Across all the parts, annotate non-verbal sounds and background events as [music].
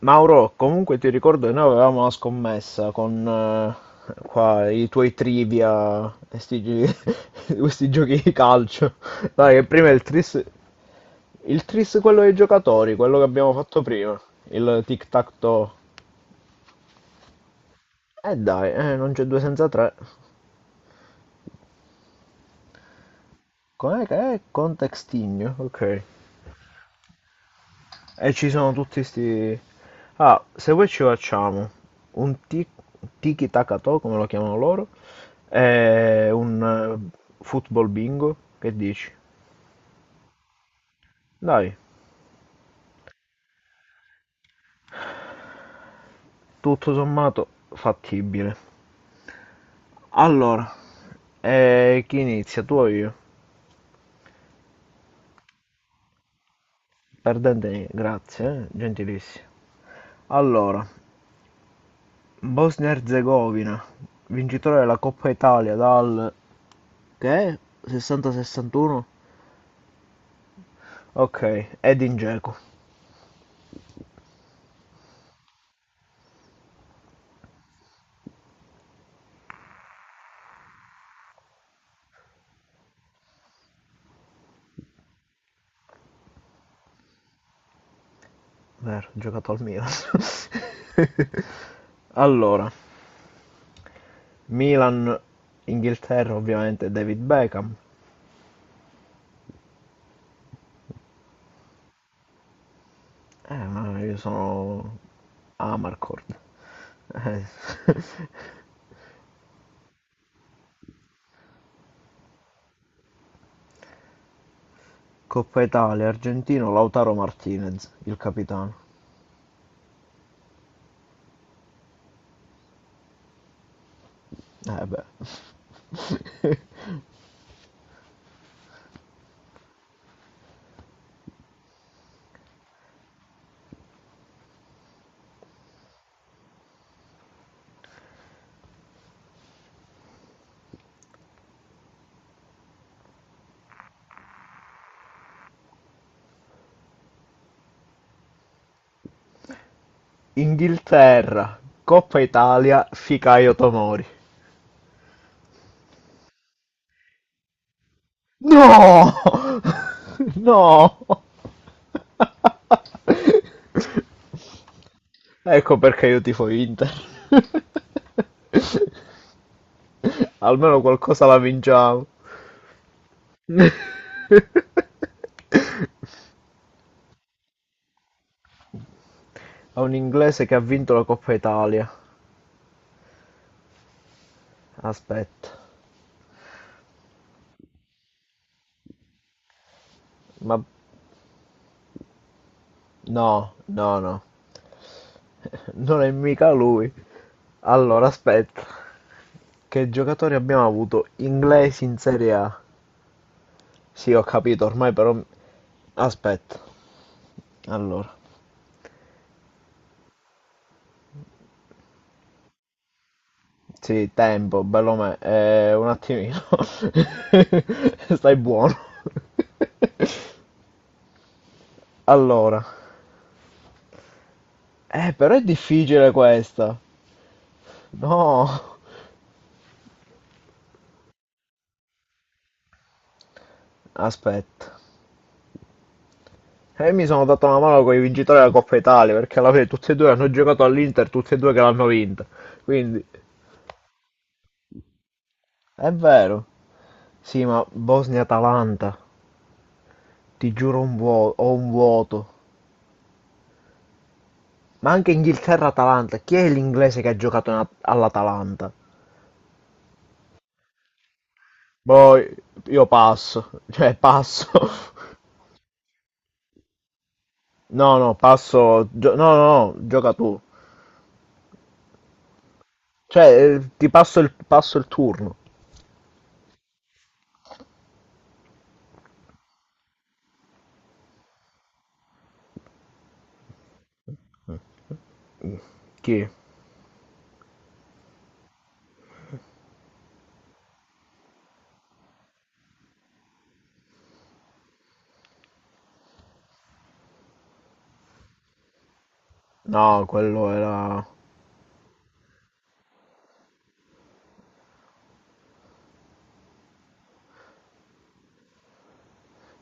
Mauro, comunque ti ricordo che noi avevamo una scommessa con qua, i tuoi trivia, e [laughs] questi giochi di calcio. Dai, che prima il tris quello dei giocatori, quello che abbiamo fatto prima, il tic-tac-toe. Dai, non c'è due senza tre. Com'è che è? Contextigno, ok. E ci sono tutti sti. Ah, se poi ci facciamo un ti- tiki taka toe, come lo chiamano loro, e un football bingo, che dici? Dai, tutto sommato fattibile. Allora, chi inizia? Tu o io? Perdente, grazie, gentilissimo. Allora, Bosnia-Herzegovina, vincitore della Coppa Italia dal, che è, 60-61? Ok, Edin Dzeko. Vero, ha giocato al Milan. [laughs] Allora, Milan, Inghilterra ovviamente David Beckham. Ma io sono Amarcord. [laughs] Eh. Coppa Italia, Argentino, Lautaro Martinez, il capitano. Eh beh. Inghilterra, Coppa Italia, Ficaio Tomori. No! [laughs] No! Ecco perché io tifo Inter. Almeno qualcosa la vinciamo. A un inglese che ha vinto la Coppa Italia. Aspetta, ma no, no, no, non è mica lui. Allora, aspetta, che giocatori abbiamo avuto inglesi in Serie A? Sì, ho capito, ormai però. Aspetta, allora, sì, tempo, bello me, un attimino, [laughs] stai buono. [laughs] Allora, però è difficile questa. No, aspetta. E io mi sono dato una mano con i vincitori della Coppa Italia, perché alla fine tutti e due hanno giocato all'Inter, tutti e due che l'hanno vinta. Quindi, è vero. Sì, ma Bosnia-Atalanta, ti giuro ho un vuoto. Ma anche Inghilterra-Atalanta, chi è l'inglese che ha giocato all'Atalanta? Boh, io passo, cioè passo. [laughs] No, no, passo. No, no, no, gioca tu. Cioè, ti passo il turno. Chi? No, quello era.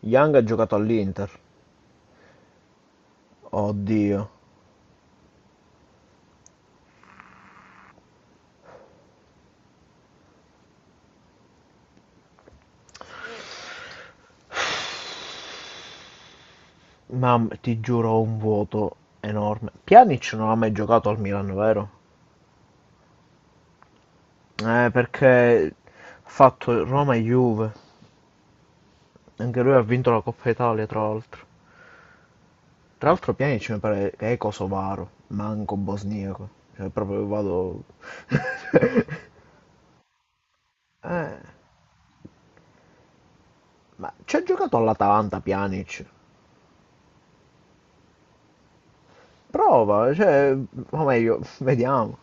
Young ha giocato all'Inter. Oddio, ma ti giuro ho un vuoto enorme. Pjanic non ha mai giocato al Milan, vero? Perché ha fatto Roma e Juve. Anche lui ha vinto la Coppa Italia, tra l'altro. Tra l'altro Pjanic mi pare che è kosovaro, manco bosniaco. Cioè, proprio vado. [laughs] Eh, ma ci ha giocato all'Atalanta Pjanic. Prova, cioè. O meglio, [laughs] vediamo.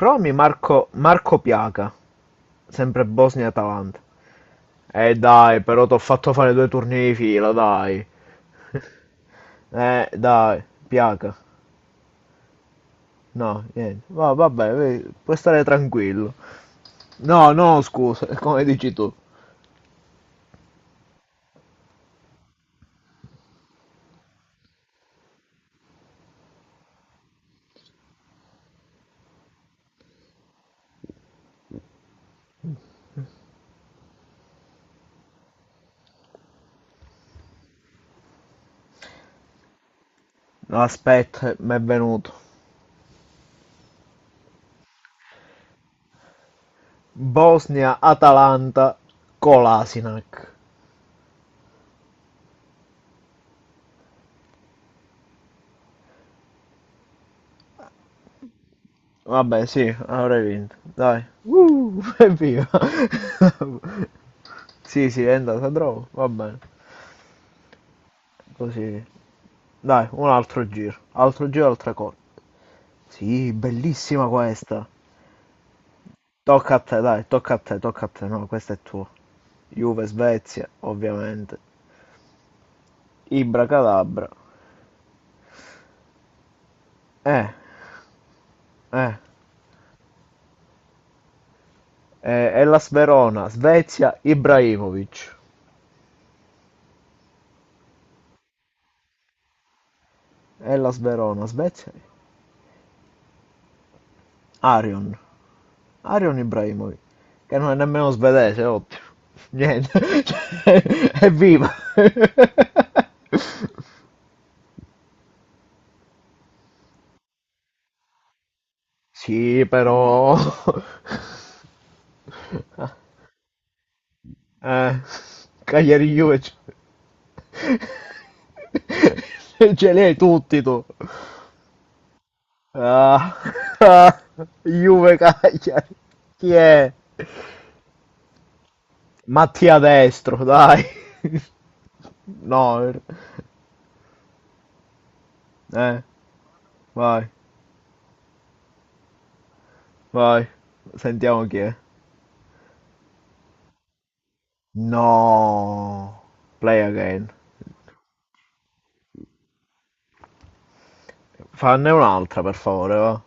Provami Marco, Marco Piaca, sempre Bosnia-Atalanta. Dai, però t'ho fatto fare due turni di fila, dai. Dai, piaca. No, niente. Vabbè, vedi, puoi stare tranquillo. No, no, scusa, [laughs] come dici tu. No, aspetta, mi è venuto. Bosnia-Atalanta con l'Asinac. Vabbè, sì, avrei vinto. Dai. Evviva. [laughs] Sì, sì, è andata troppo. Va bene, così. Dai, un altro giro. Altro giro, altra cosa. Sì, bellissima questa. Tocca a te, dai, tocca a te, tocca a te. No, questo è tuo. Juve, Svezia, ovviamente. Ibra Calabra. Eh, eh. Hellas Verona, Svezia, Ibrahimovic. Hellas Verona, Svezia, Arion. Arion Ibrahimovic. Che non è nemmeno svedese, ottimo. Niente. [laughs] È viva. [laughs] Sì, però. Eh, Cagliari Juve. [laughs] Ce li hai tutti tu. Ah, [laughs] ah, Juve Cagliari. Chi è? Mattia Destro, dai. No, eh, vai, vai. Sentiamo chi è. No. Play again. Fanne un'altra, per favore, va.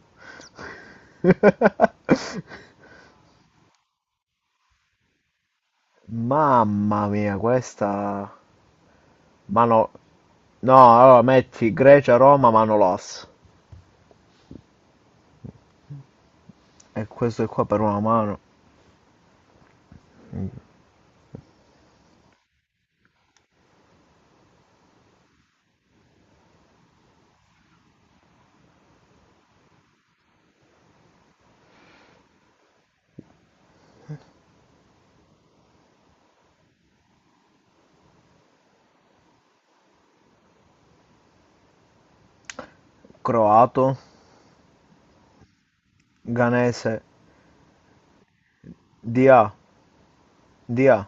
Mamma mia, questa. Mano. No, allora metti Grecia, Roma, Manolas. E questo è qua per una mano. Croato, Ganese, Dia, Dia.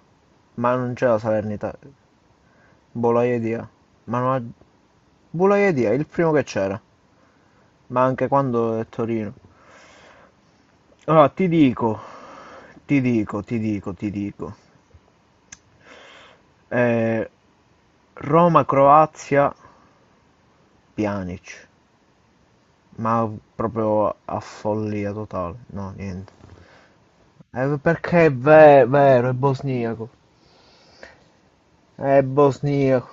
Ma non c'è la Salernitana. Bolaiedea. Ma non Bolaiedea, il primo che c'era, ma anche quando è Torino. Allora, ti dico, ti dico, ti dico, ti dico. Eh, Roma-Croazia, Pjanic. Ma proprio a follia totale. No, niente. Perché è vero, è bosniaco. È bosniaco.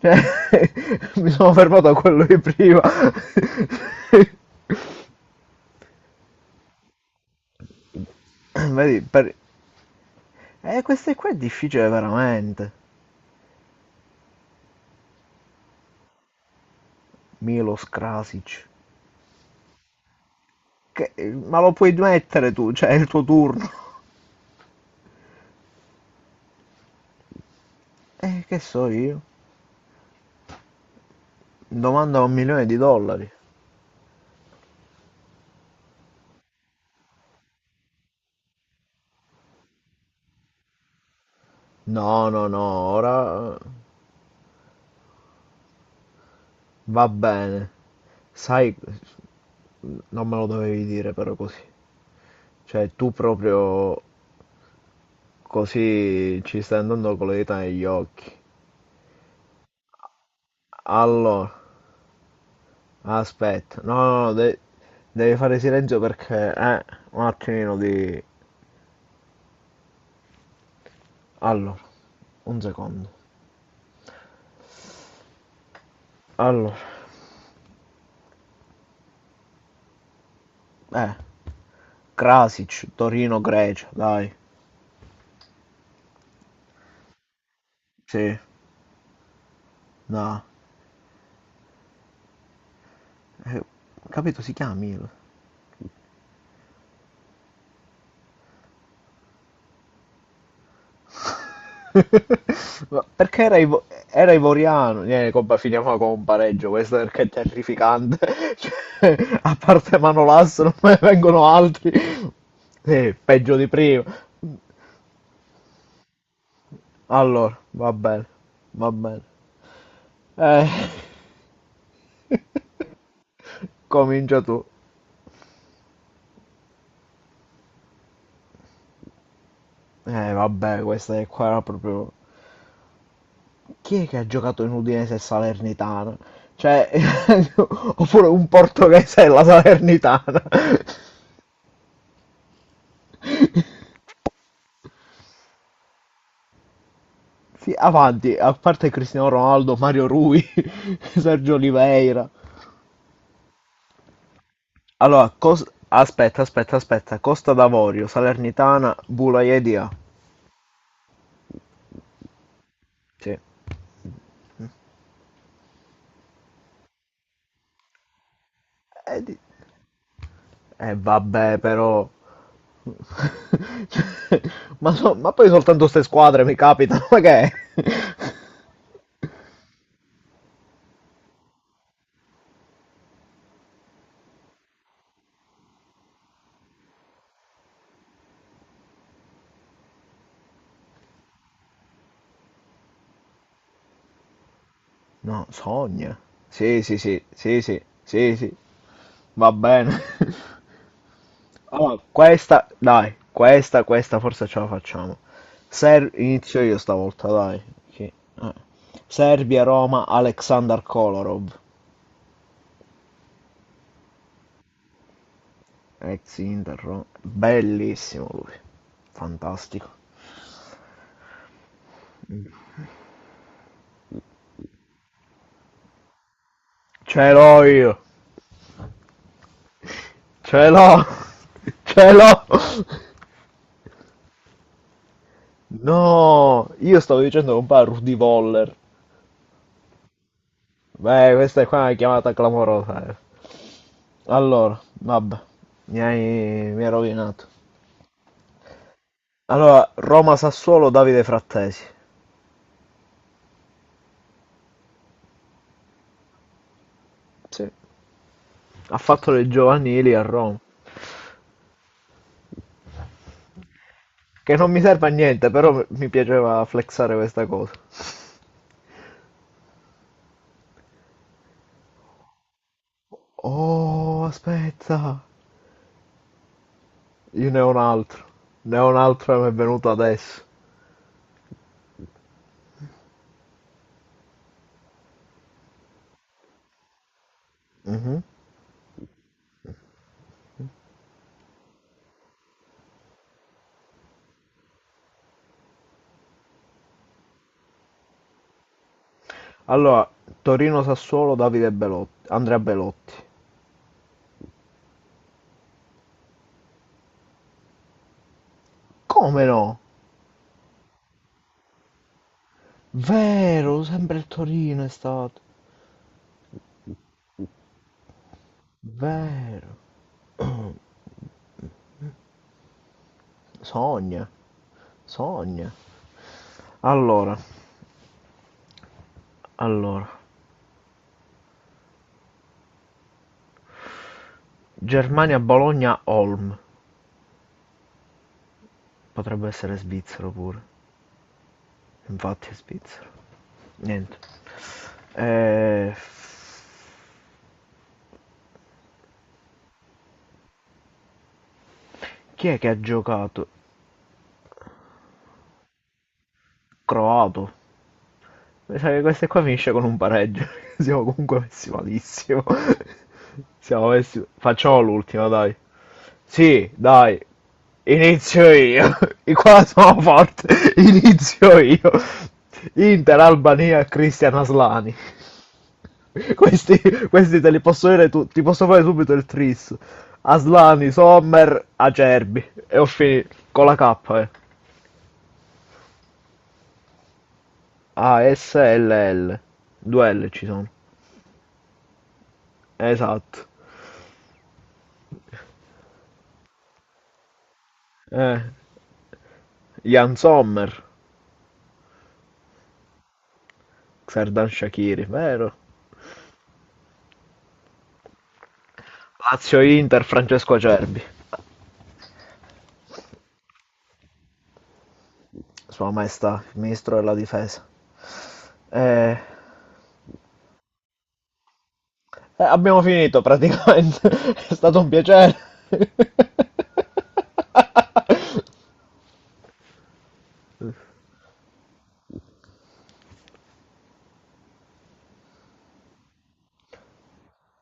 Cioè, [laughs] mi sono fermato a quello di prima. [laughs] Vedi, per. Questo qua è difficile veramente. Milos Krasic. Ma lo puoi mettere tu, cioè è il tuo turno. Che so io? Domanda 1 milione di dollari. No, no, no, ora va bene. Sai, non me lo dovevi dire però così. Cioè, tu proprio così ci stai andando con le dita negli occhi. Allora, aspetta. No, no, no, devi fare silenzio perché. Un attimino di. Allora, un secondo. Allora, eh, Krasic, Torino-Grecia, dai. Sì. No, ho capito, si chiami. [laughs] Ma perché era ivoriano? Niente, compa, finiamo con un pareggio, questo perché è terrificante. [laughs] Cioè, a parte Manolas non me ne vengono altri. Sì, peggio di prima. Allora, va bene, va bene. Eh, Comincia tu. Vabbè, questa è qua era proprio. Chi è che ha giocato in Udinese e Salernitana? Cioè, [laughs] oppure un portoghese e la Salernitana. [laughs] Sì, avanti, a parte Cristiano Ronaldo, Mario Rui, [laughs] Sergio Oliveira. Allora, aspetta, aspetta, aspetta. Costa d'Avorio, Salernitana, Bulaiedija. Sì. Di- eh, vabbè, però. [laughs] Cioè, ma poi soltanto queste squadre mi capitano, ma che è? [laughs] No, sogna. Sì, sì, sì, sì, sì, sì, sì, va bene. [laughs] Allora, questa, dai, questa forse ce la facciamo. Inizio io stavolta, dai. Sì. Serbia-Roma Aleksandar Kolarov, ex Inter Roma. Bellissimo lui, fantastico. Ce l'ho io, ce l'ho, [laughs] ce l'ho. No, io stavo dicendo con pa' Rudy Voller. Beh, questa è qua una chiamata clamorosa. Allora, vabbè, mi hai, mi hai rovinato. Allora, Roma-Sassuolo Davide Frattesi. Sì. Ha fatto le giovanili a Roma. Che non mi serve a niente, però mi piaceva flexare questa cosa. Oh, aspetta, io ne ho un altro. Ne ho un altro che mi è venuto adesso. Mhm. Allora, Torino-Sassuolo, Davide Belotti, Andrea Belotti. Come no? Vero, sempre il Torino è stato. Vero. Sogna, sogna. Allora, allora, Germania-Bologna-Olm. Potrebbe essere svizzero pure. Infatti è svizzero. Niente. Eh, Chi è che ha giocato? Croato. Mi sa che queste qua finisce con un pareggio. [laughs] Siamo comunque messi malissimo. [laughs] Siamo messi. Facciamo l'ultima, dai. Sì, dai. Inizio io. [laughs] I qua sono forte. [laughs] Inizio io. Inter, Albania, Cristian Aslani. [laughs] Questi, questi te li posso dire ti posso fare subito il tris. Aslani, Sommer, Acerbi. E ho finito. Con la K, eh. A, S, L, L. Due L ci sono. Esatto. Eh, Jan Sommer. Serdan Shakiri, vero? Lazio-Inter, Francesco Acerbi, Sua Maestà, il Ministro della Difesa. Eh, abbiamo finito praticamente, [laughs] è stato un piacere. [laughs]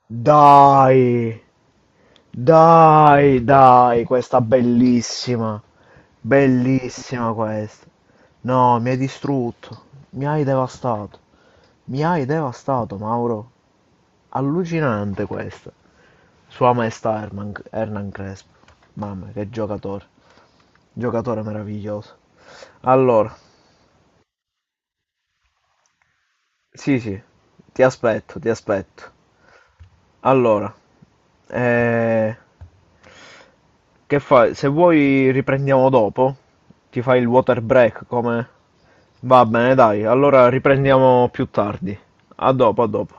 Dai, dai, dai, questa bellissima, bellissima questa. No, mi hai distrutto, mi hai devastato, Mauro. Allucinante questa. Sua Maestà Hernan Crespo. Mamma, che giocatore. Giocatore meraviglioso. Allora, sì, sì, ti aspetto, ti aspetto. Allora, eh, che fai? Se vuoi riprendiamo dopo, ti fai il water break come. Va bene, dai, allora riprendiamo più tardi. A dopo, a dopo.